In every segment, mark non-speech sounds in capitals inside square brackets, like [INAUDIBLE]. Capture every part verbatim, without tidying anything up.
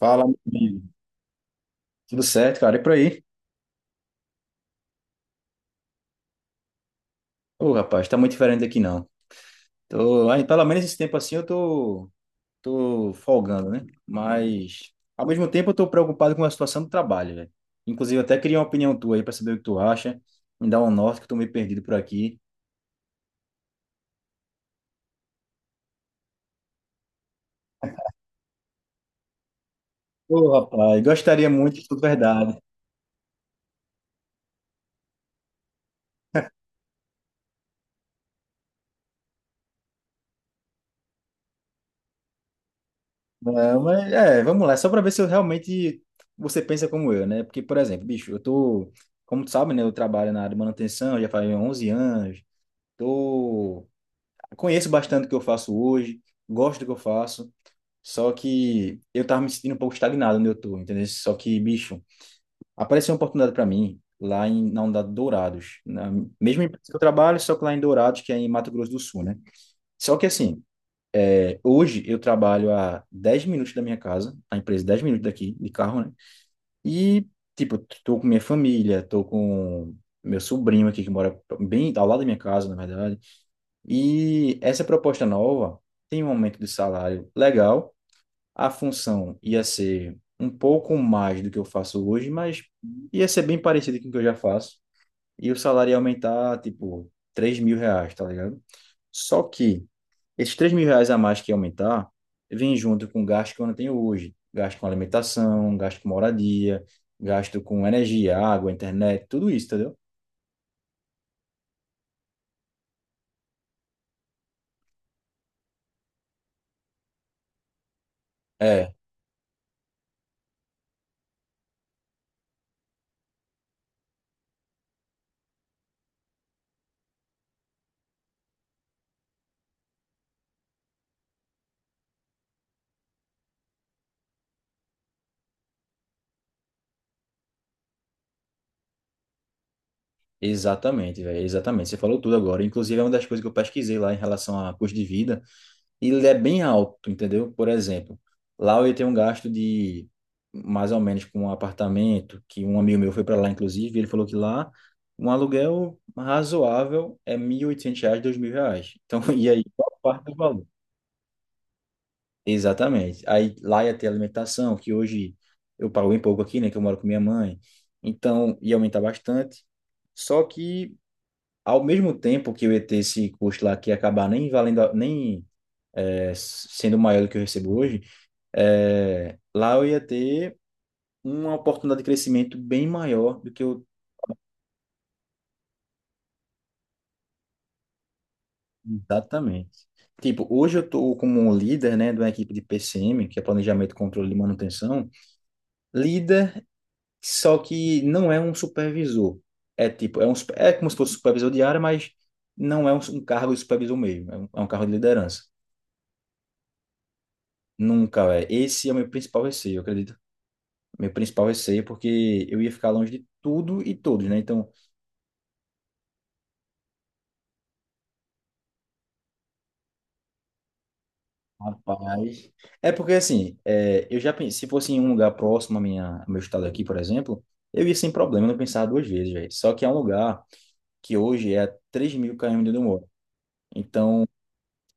Fala, meu amigo. Tudo certo, cara? E por aí? Ô, rapaz, tá muito diferente daqui não. Tô, aí, pelo menos esse tempo assim eu tô, tô folgando, né? Mas, ao mesmo tempo, eu tô preocupado com a situação do trabalho, velho. Inclusive, eu até queria uma opinião tua aí pra saber o que tu acha. Me dá um norte, que eu tô meio perdido por aqui. Ô, rapaz, gostaria muito de tudo verdade. É, mas, é, vamos lá, só para ver se eu realmente você pensa como eu, né? Porque, por exemplo, bicho, eu tô, como tu sabe, né? Eu trabalho na área de manutenção, já faz onze anos. Tô Conheço bastante o que eu faço hoje, gosto do que eu faço, só que eu tava me sentindo um pouco estagnado onde eu tô, entendeu? Só que, bicho, apareceu uma oportunidade para mim lá em, na unidade Dourados, na mesma empresa que eu trabalho, só que lá em Dourados, que é em Mato Grosso do Sul, né? Só que assim, é, hoje eu trabalho a dez minutos da minha casa, a empresa dez minutos daqui, de carro, né? E, tipo, tô com minha família, tô com meu sobrinho aqui que mora bem ao lado da minha casa, na verdade. E essa proposta nova tem um aumento de salário legal. A função ia ser um pouco mais do que eu faço hoje, mas ia ser bem parecido com o que eu já faço. E o salário ia aumentar, tipo, três mil reais, tá ligado? Só que esses três mil reais a mais que ia aumentar vem junto com o gasto que eu não tenho hoje. Gasto com alimentação, gasto com moradia, gasto com energia, água, internet, tudo isso, entendeu? É. Exatamente, velho, exatamente. Você falou tudo agora. Inclusive, é uma das coisas que eu pesquisei lá em relação a custo de vida. E ele é bem alto, entendeu? Por exemplo, lá eu ia ter um gasto de mais ou menos com um apartamento, que um amigo meu foi para lá, inclusive, e ele falou que lá um aluguel razoável é mil e oitocentos reais, dois mil reais. Então, [LAUGHS] e aí, qual a parte do valor? Exatamente. Aí lá ia ter alimentação, que hoje eu pago bem pouco aqui, né, que eu moro com minha mãe. Então, ia aumentar bastante. Só que ao mesmo tempo que eu ia ter esse custo lá que ia acabar nem valendo, a- nem é, sendo maior do que eu recebo hoje, é, lá eu ia ter uma oportunidade de crescimento bem maior do que eu. Exatamente. Tipo, hoje eu estou como um líder, né, de uma equipe de P C M, que é Planejamento, Controle e Manutenção, líder, só que não é um supervisor. É tipo, é, um, super- é como se fosse supervisor de área, mas não é um, um cargo de supervisor mesmo, é um, é um cargo de liderança. Nunca é. Esse é o meu principal receio, eu acredito Meu principal receio, É porque eu ia ficar longe de tudo e todos, né? Então, rapaz. É porque assim, é, eu já pensei, se fosse em um lugar próximo à minha, ao meu estado aqui, por exemplo, eu ia sem problema, eu não pensava duas vezes, velho. Só que é um lugar que hoje é a três mil quilômetros mil km de onde eu moro. Então,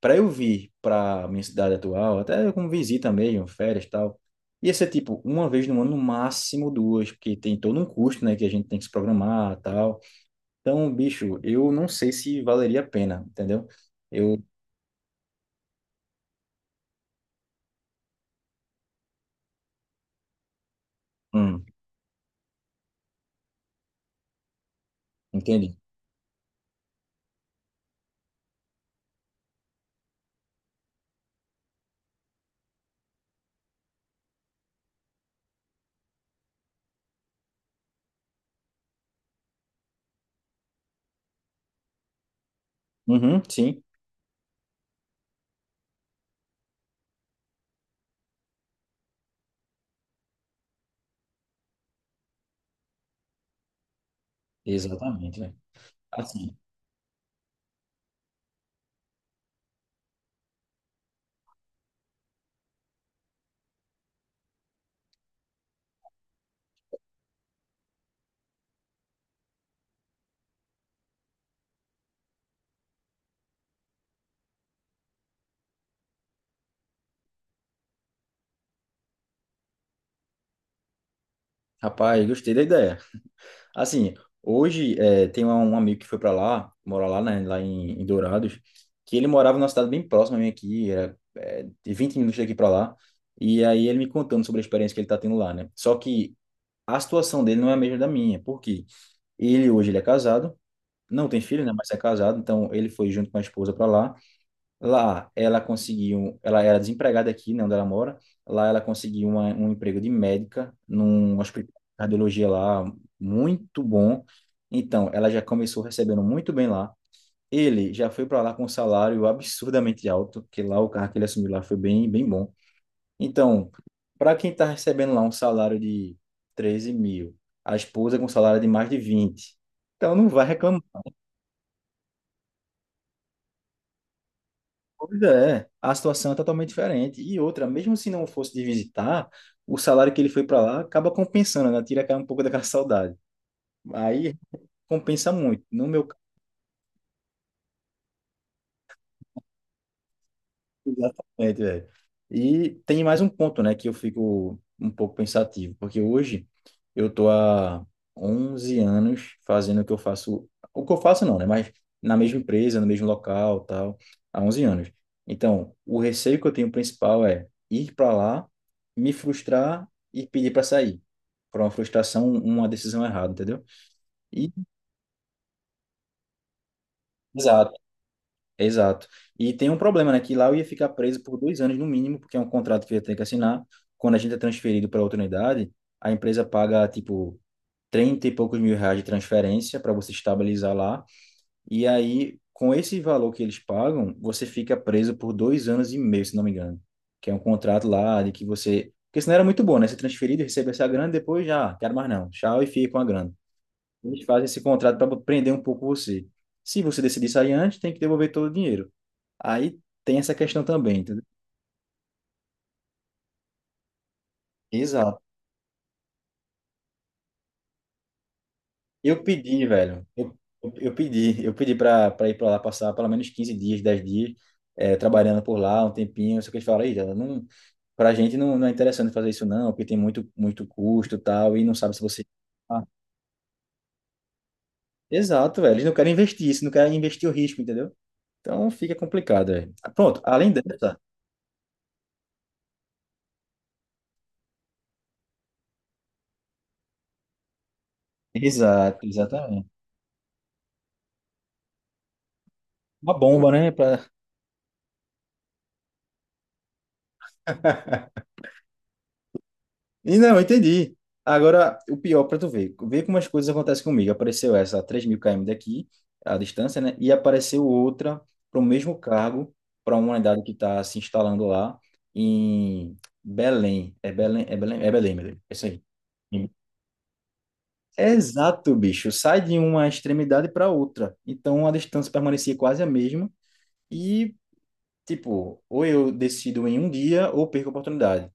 para eu vir para minha cidade atual, até como visita mesmo, férias e tal, ia ser tipo uma vez no ano, no máximo duas, porque tem todo um custo, né, que a gente tem que se programar e tal. Então, bicho, eu não sei se valeria a pena, entendeu? Eu, hum, entendi. Uhum, sim, exatamente, né? Assim, rapaz, gostei da ideia. Assim, hoje é, tem um amigo que foi para lá, mora lá, né, lá em, em Dourados, que ele morava numa cidade bem próxima a mim aqui, era é, de 20 minutos daqui para lá, e aí ele me contando sobre a experiência que ele tá tendo lá, né? Só que a situação dele não é a mesma da minha, porque ele hoje ele é casado, não tem filho, né, mas é casado, então ele foi junto com a esposa para lá. Lá ela conseguiu, ela era desempregada aqui, né, onde ela mora. Lá ela conseguiu uma, um emprego de médica num hospital de cardiologia lá muito bom. Então, ela já começou recebendo muito bem lá. Ele já foi para lá com um salário absurdamente alto, que lá o carro que ele assumiu lá foi bem, bem bom. Então, para quem está recebendo lá um salário de treze mil, a esposa com um salário de mais de vinte, então não vai reclamar. Pois é, a situação é totalmente diferente. E outra, mesmo se não fosse de visitar, o salário que ele foi para lá acaba compensando, né? Tira aquela- um pouco daquela [LAUGHS] saudade. Aí compensa muito. No meu. Exatamente, velho. E tem mais um ponto, né, que eu fico um pouco pensativo, porque hoje eu tô há onze anos fazendo o que eu faço, o que eu faço não, né, mas na mesma empresa, no mesmo local, tal, há onze anos. Então, o receio que eu tenho principal é ir para lá, me frustrar e pedir para sair. Por uma frustração, uma decisão errada, entendeu? E, exato. Exato. E tem um problema, né? Que lá eu ia ficar preso por dois anos no mínimo, porque é um contrato que eu ia ter que assinar. Quando a gente é transferido para outra unidade, a empresa paga, tipo, trinta e poucos mil reais de transferência para você estabilizar lá. E aí, com esse valor que eles pagam, você fica preso por dois anos e meio, se não me engano. Que é um contrato lá de que você. Porque senão era muito bom, né? Ser transferido, receber essa grana, depois já, "Ah, quero mais não. Tchau e fica com a grana." Eles fazem esse contrato para prender um pouco você. Se você decidir sair antes, tem que devolver todo o dinheiro. Aí tem essa questão também, entendeu? Exato. Eu pedi, velho. Eu, eu, eu pedi, eu pedi pra, pra ir pra lá passar pelo menos quinze dias, dez dias, eh, trabalhando por lá um tempinho. Só que eles falaram, "Ih, Jada, não, pra gente não, não é interessante fazer isso, não, porque tem muito, muito custo e tal, e não sabe se você." Ah, exato, velho. Eles não querem investir isso, não querem investir o risco, entendeu? Então fica complicado, velho. Pronto, além dessa. Exato, exatamente. Uma bomba, né? Pra... E não, eu entendi. Agora, o pior para tu ver, ver como as coisas acontecem comigo. Apareceu essa a três mil km daqui, a distância, né? E apareceu outra para o mesmo cargo, para uma unidade que está se instalando lá em Belém. É Belém, é Belém, é Belém, meu Deus. É isso aí. Exato, bicho. Sai de uma extremidade para outra. Então a distância permanecia quase a mesma. E, tipo, ou eu decido em um dia ou perco a oportunidade.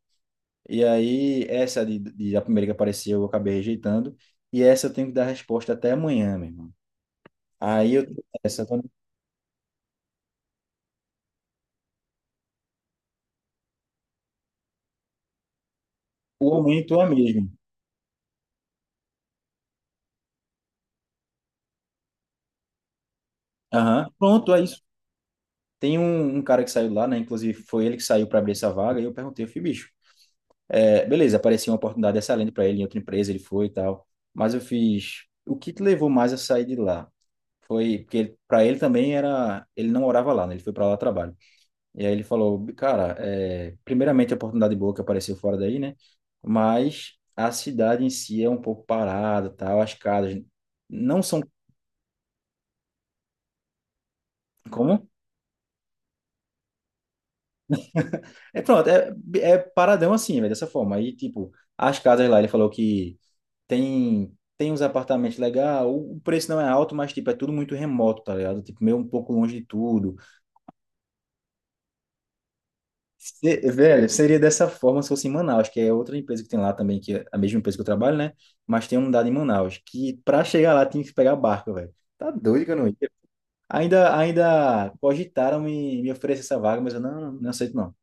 E aí, essa de, de- a primeira que apareceu, eu acabei rejeitando. E essa eu tenho que dar resposta até amanhã, meu irmão. Aí eu essa eu tô- O aumento é mesmo. Aham. Pronto, é isso. Tem um, um cara que saiu lá, né? Inclusive, foi ele que saiu para abrir essa vaga. E eu perguntei, eu fui, bicho, é, beleza, apareceu uma oportunidade excelente para ele em outra empresa, ele foi e tal. Mas eu fiz, o que te levou mais a sair de lá? Foi porque para ele também era, ele não morava lá, né? Ele foi para lá trabalho. E aí ele falou, cara, é, primeiramente a oportunidade boa que apareceu fora daí, né? Mas a cidade em si é um pouco parada, tal, as casas não são como? É pronto, é, é paradão assim, velho, dessa forma. Aí, tipo, as casas lá, ele falou que tem tem uns apartamentos legais, o o preço não é alto, mas tipo, é tudo muito remoto, tá ligado? Tipo, meio um pouco longe de tudo. Se- Velho, seria dessa forma se fosse em Manaus, que é outra empresa que tem lá também, que é a mesma empresa que eu trabalho, né? Mas tem uma unidade em Manaus, que pra chegar lá tinha que pegar barco, velho. Tá doido que eu não ia. Ainda, ainda cogitaram me, me oferecer essa vaga, mas eu não, não aceito não.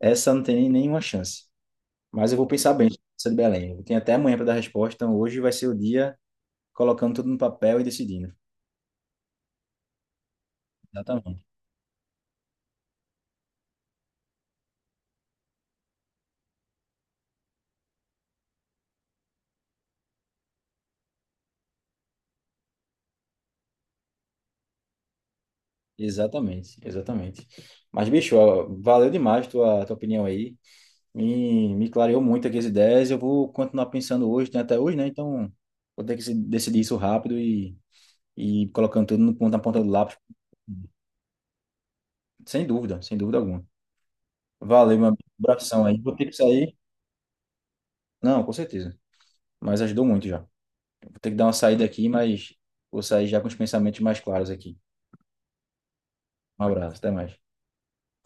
Essa não tem nem- nenhuma chance. Mas eu vou pensar bem, essa de Belém. Eu tenho até amanhã para dar resposta, então hoje vai ser o dia colocando tudo no papel e decidindo. Exatamente. Exatamente, exatamente. Mas, bicho, ó, valeu demais tua, tua opinião aí. Me, me clareou muito aqui as ideias. Eu vou continuar pensando hoje, né, até hoje, né? Então, vou ter que se- decidir isso rápido e, e colocando tudo no ponto, na ponta do lápis. Sem dúvida, sem dúvida alguma. Valeu, meu amigo. Abração aí. Vou ter que sair. Não, com certeza. Mas ajudou muito já. Vou ter que dar uma saída aqui, mas vou sair já com os pensamentos mais claros aqui. Um abraço, até mais.